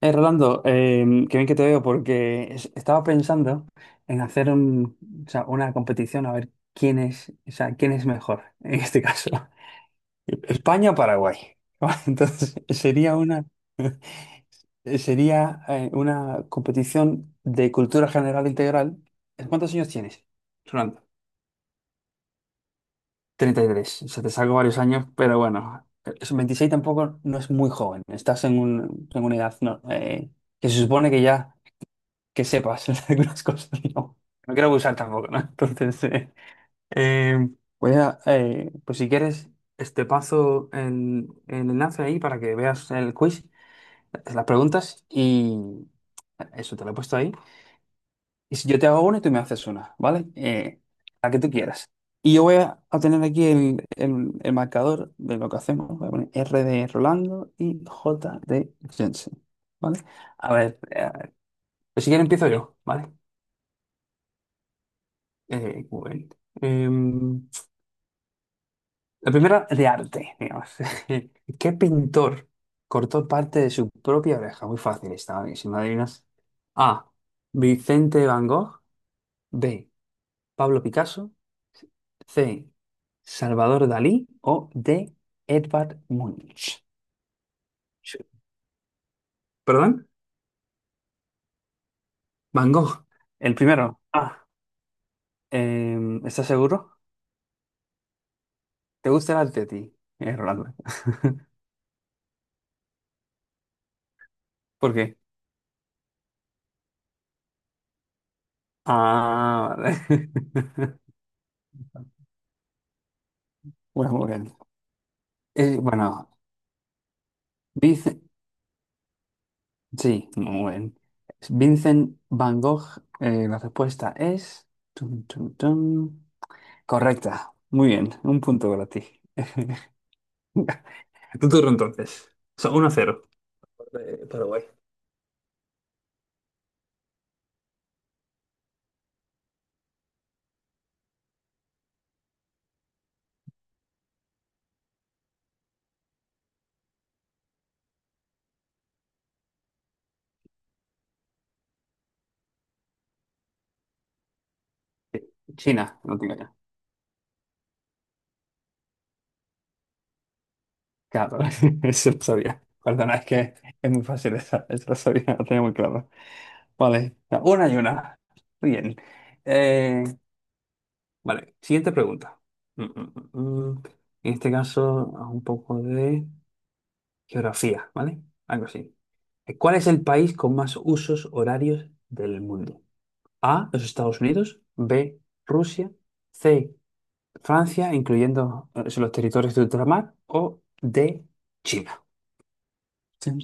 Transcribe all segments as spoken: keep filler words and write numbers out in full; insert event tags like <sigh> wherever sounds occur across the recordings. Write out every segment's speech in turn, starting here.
Eh, Rolando, eh, qué bien que te veo porque es- estaba pensando en hacer un, o sea, una competición a ver quién es, o sea, quién es mejor <laughs> en este caso. <laughs> España o Paraguay. <laughs> Entonces, sería una, <laughs> sería eh, una competición de cultura general integral. ¿Cuántos años tienes, Rolando? treinta y tres. O sea, te salgo varios años, pero bueno, es- veintiséis tampoco no es muy joven. Estás en, un- en una edad no, eh, que se supone que ya que sepas <laughs> algunas cosas. No, no quiero abusar tampoco, ¿no? Entonces, eh, eh, voy a, eh, pues si quieres, este paso el, el enlace ahí para que veas el quiz, las preguntas y eso te lo he puesto ahí. Y si yo te hago una y tú me haces una, ¿vale? Eh, la que tú quieras. Y yo voy a, a tener aquí el, el- el marcador de lo que hacemos. Voy a poner R de Rolando y J de Jensen, ¿vale? A ver, eh, pues si quieres empiezo yo, ¿vale? Eh, bueno, em, la primera de arte, digamos. <laughs> ¿Qué pintor cortó parte de su propia oreja? Muy fácil estaba bien, si me adivinas. A. Vicente Van Gogh. B. Pablo Picasso. C. Salvador Dalí. O D. Edvard Munch. Sí. ¿Perdón? Van Gogh. El primero. Ah, em, ¿estás seguro? ¿Te gusta el arte a ti, eh, Rolando? <laughs> ¿Por qué? Ah, vale. <laughs> Bueno, muy bien. Eh, bueno, Vincent, sí, muy bien. Vincent Van Gogh, eh, la respuesta es... tun, tun, tun. Correcta. Muy bien, un punto para ti. <laughs> Tu turno entonces. Son uno a cero. Eh, Paraguay. China, no tengo ya. Claro, <laughs> eso lo sabía. Perdona, es que es muy fácil esa, eso lo sabía, lo tenía muy claro. Vale, una y una. Muy bien. Eh, Vale, siguiente pregunta. Mm, mm, mm, mm. En este caso, haz un poco de geografía, ¿vale? Algo así. Eh, ¿Cuál es el país con más usos horarios del mundo? A, los Estados Unidos, B, Rusia, C, Francia, incluyendo eh, los territorios de ultramar, o D, China. Chin,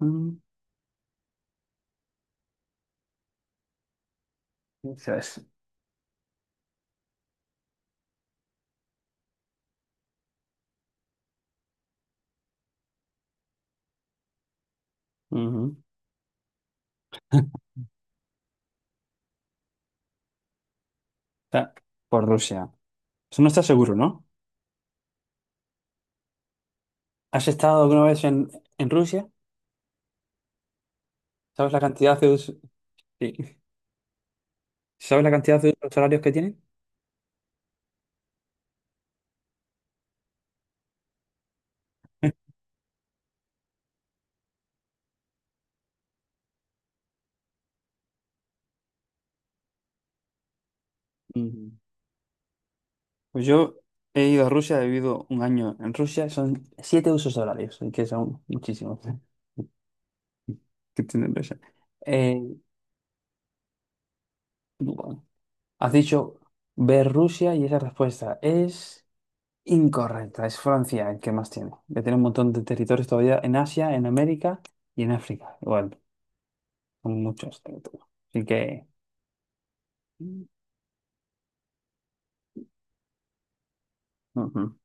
mm, Eso es. Ujú. <laughs> Está. Por Rusia. Eso no está seguro, ¿no? ¿Has estado alguna vez en, en Rusia? ¿Sabes la cantidad de usos? Sí. ¿Sabes la cantidad de euros horarios que tienen? Ujú. Pues yo he ido a Rusia, he vivido un año en Rusia, son siete usos horarios, que son muchísimos <laughs> que tiene Rusia. Eh, bueno, has dicho ver Rusia y esa respuesta es incorrecta, es Francia el que más tiene, que tiene un montón de territorios todavía en Asia, en América y en África, igual, son muchos territorios. Así que, ujú.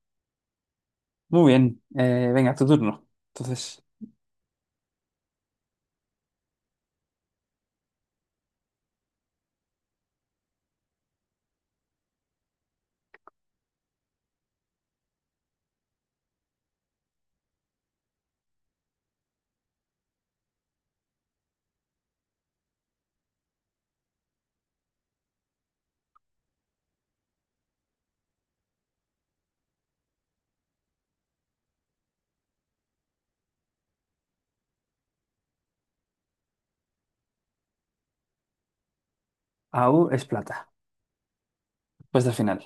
Muy bien, eh, venga, tu turno. Entonces, A U es plata, pues al final.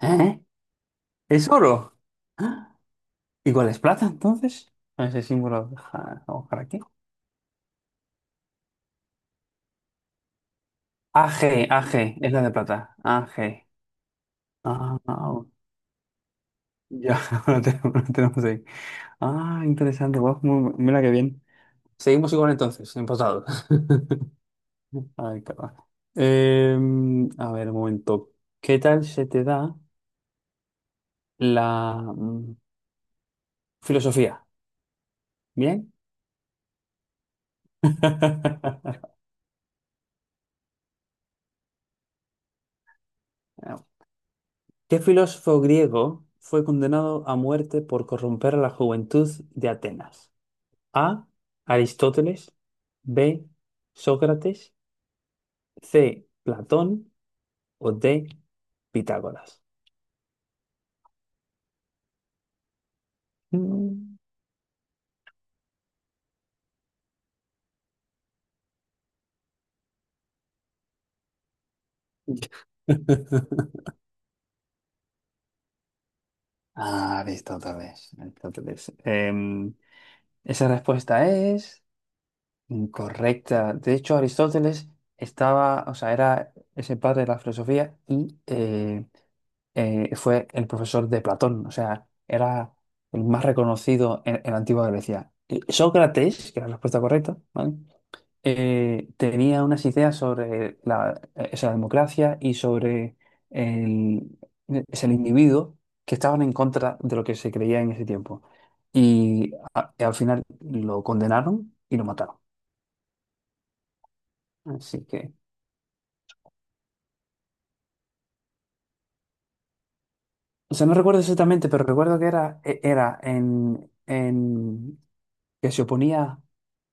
¿Eh? ¿Es oro? ¡Ah! ¿Y cuál es plata entonces? Ese símbolo, ja, vamos para aquí. AG, A G, es la de plata. A G. Ah, ah, ya, <laughs> lo tenemos, lo tenemos ahí. Ah, interesante, guau, mu- mira qué bien. Seguimos igual entonces, empatados. <laughs> Ay, cabrón. Em, a ver, un momento. ¿Qué tal se te da la mm, filosofía? ¿Bien? <laughs> Ah, ¿qué filósofo griego fue condenado a muerte por corromper a la juventud de Atenas? A. Aristóteles. B. Sócrates. C. Platón. O D. Pitágoras. Mm. <laughs> Ah, Aristóteles. Aristóteles. Em, esa respuesta es incorrecta. De hecho, Aristóteles estaba, o sea, era ese padre de la filosofía y eh, eh, fue el profesor de Platón, o sea, era el más reconocido en, en la antigua Grecia. Y Sócrates, que era la respuesta correcta, ¿vale? Eh, tenía unas ideas sobre la, eh, o sea, la democracia y sobre el, es el individuo que estaban en contra de lo que se creía en ese tiempo. Y, a- y al final lo condenaron y lo mataron. Así que, o sea, no recuerdo exactamente, pero recuerdo que era, e- era en, en que se oponía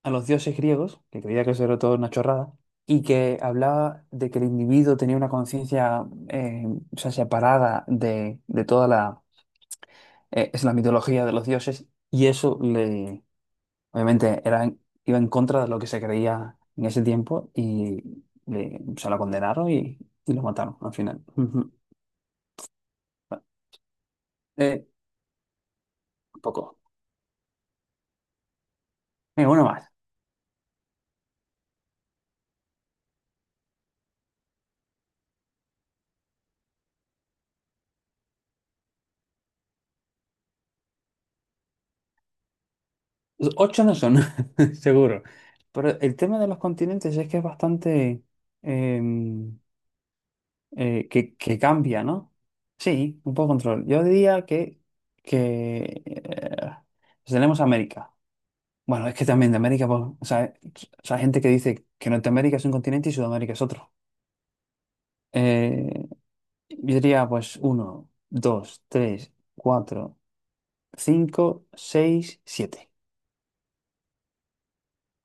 a los dioses griegos, que creía que eso era todo una chorrada, y que hablaba de que el individuo tenía una conciencia eh, o sea, separada de, de toda la, eh, es la mitología de los dioses, y eso le, obviamente era, en- iba en contra de lo que se creía en ese tiempo, y le, o sea, lo condenaron y, y lo mataron al final. Ujú. Eh, Poco. Venga, uno más. Ocho no son, <laughs> seguro. Pero el tema de los continentes es que es bastante em, eh, que, que cambia, ¿no? Sí, un poco de control. Yo diría que, que eh, tenemos América. Bueno, es que también de América, pues, o sea, o sea, hay gente que dice que Norteamérica es un continente y Sudamérica es otro. Eh, yo diría, pues, uno, dos, tres, cuatro, cinco, seis, siete.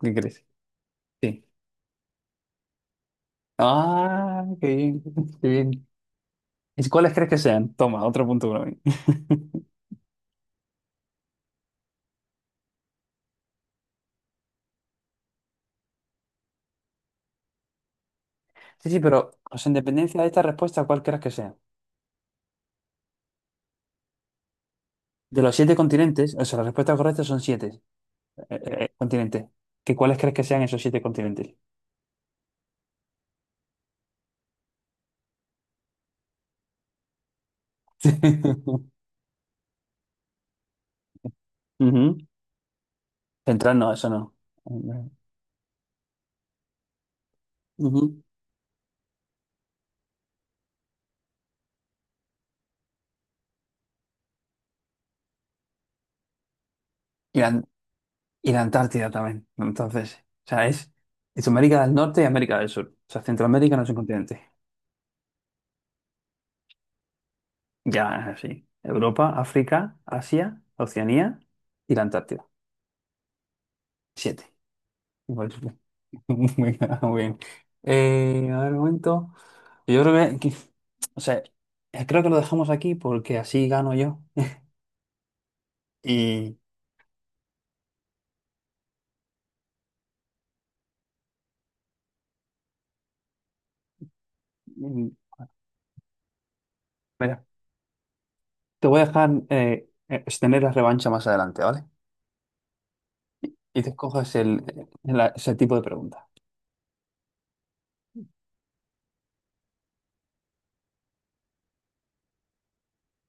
¿Qué crees? Sí. Ah, qué bien, <laughs> qué bien. ¿Y cuáles crees que sean? Toma, otro punto para mí. <laughs> Sí, sí, pero, o sea, en dependencia de esta respuesta, ¿cuál crees que sea? De los siete continentes, o sea, la respuesta correcta son siete eh, eh, eh, continentes. ¿Qué, ¿cuáles crees que sean esos siete continentes? <laughs> Ujú. Central no, eso no. Ujú. Y la, y la Antártida también. Entonces, o sea, es, es América del Norte y América del Sur. O sea, Centroamérica no es un continente. Ya es así. Europa, África, Asia, Oceanía y la Antártida. Siete. Igual. Sí. <laughs> Bueno, bueno. Eh, a ver, un momento. Yo creo que, que- o sea, eh, creo que lo dejamos aquí porque así gano yo. Y, mm, Mira, te voy a dejar eh, eh, tener la revancha más adelante, ¿vale? Y te escojas el, el- ese tipo de preguntas.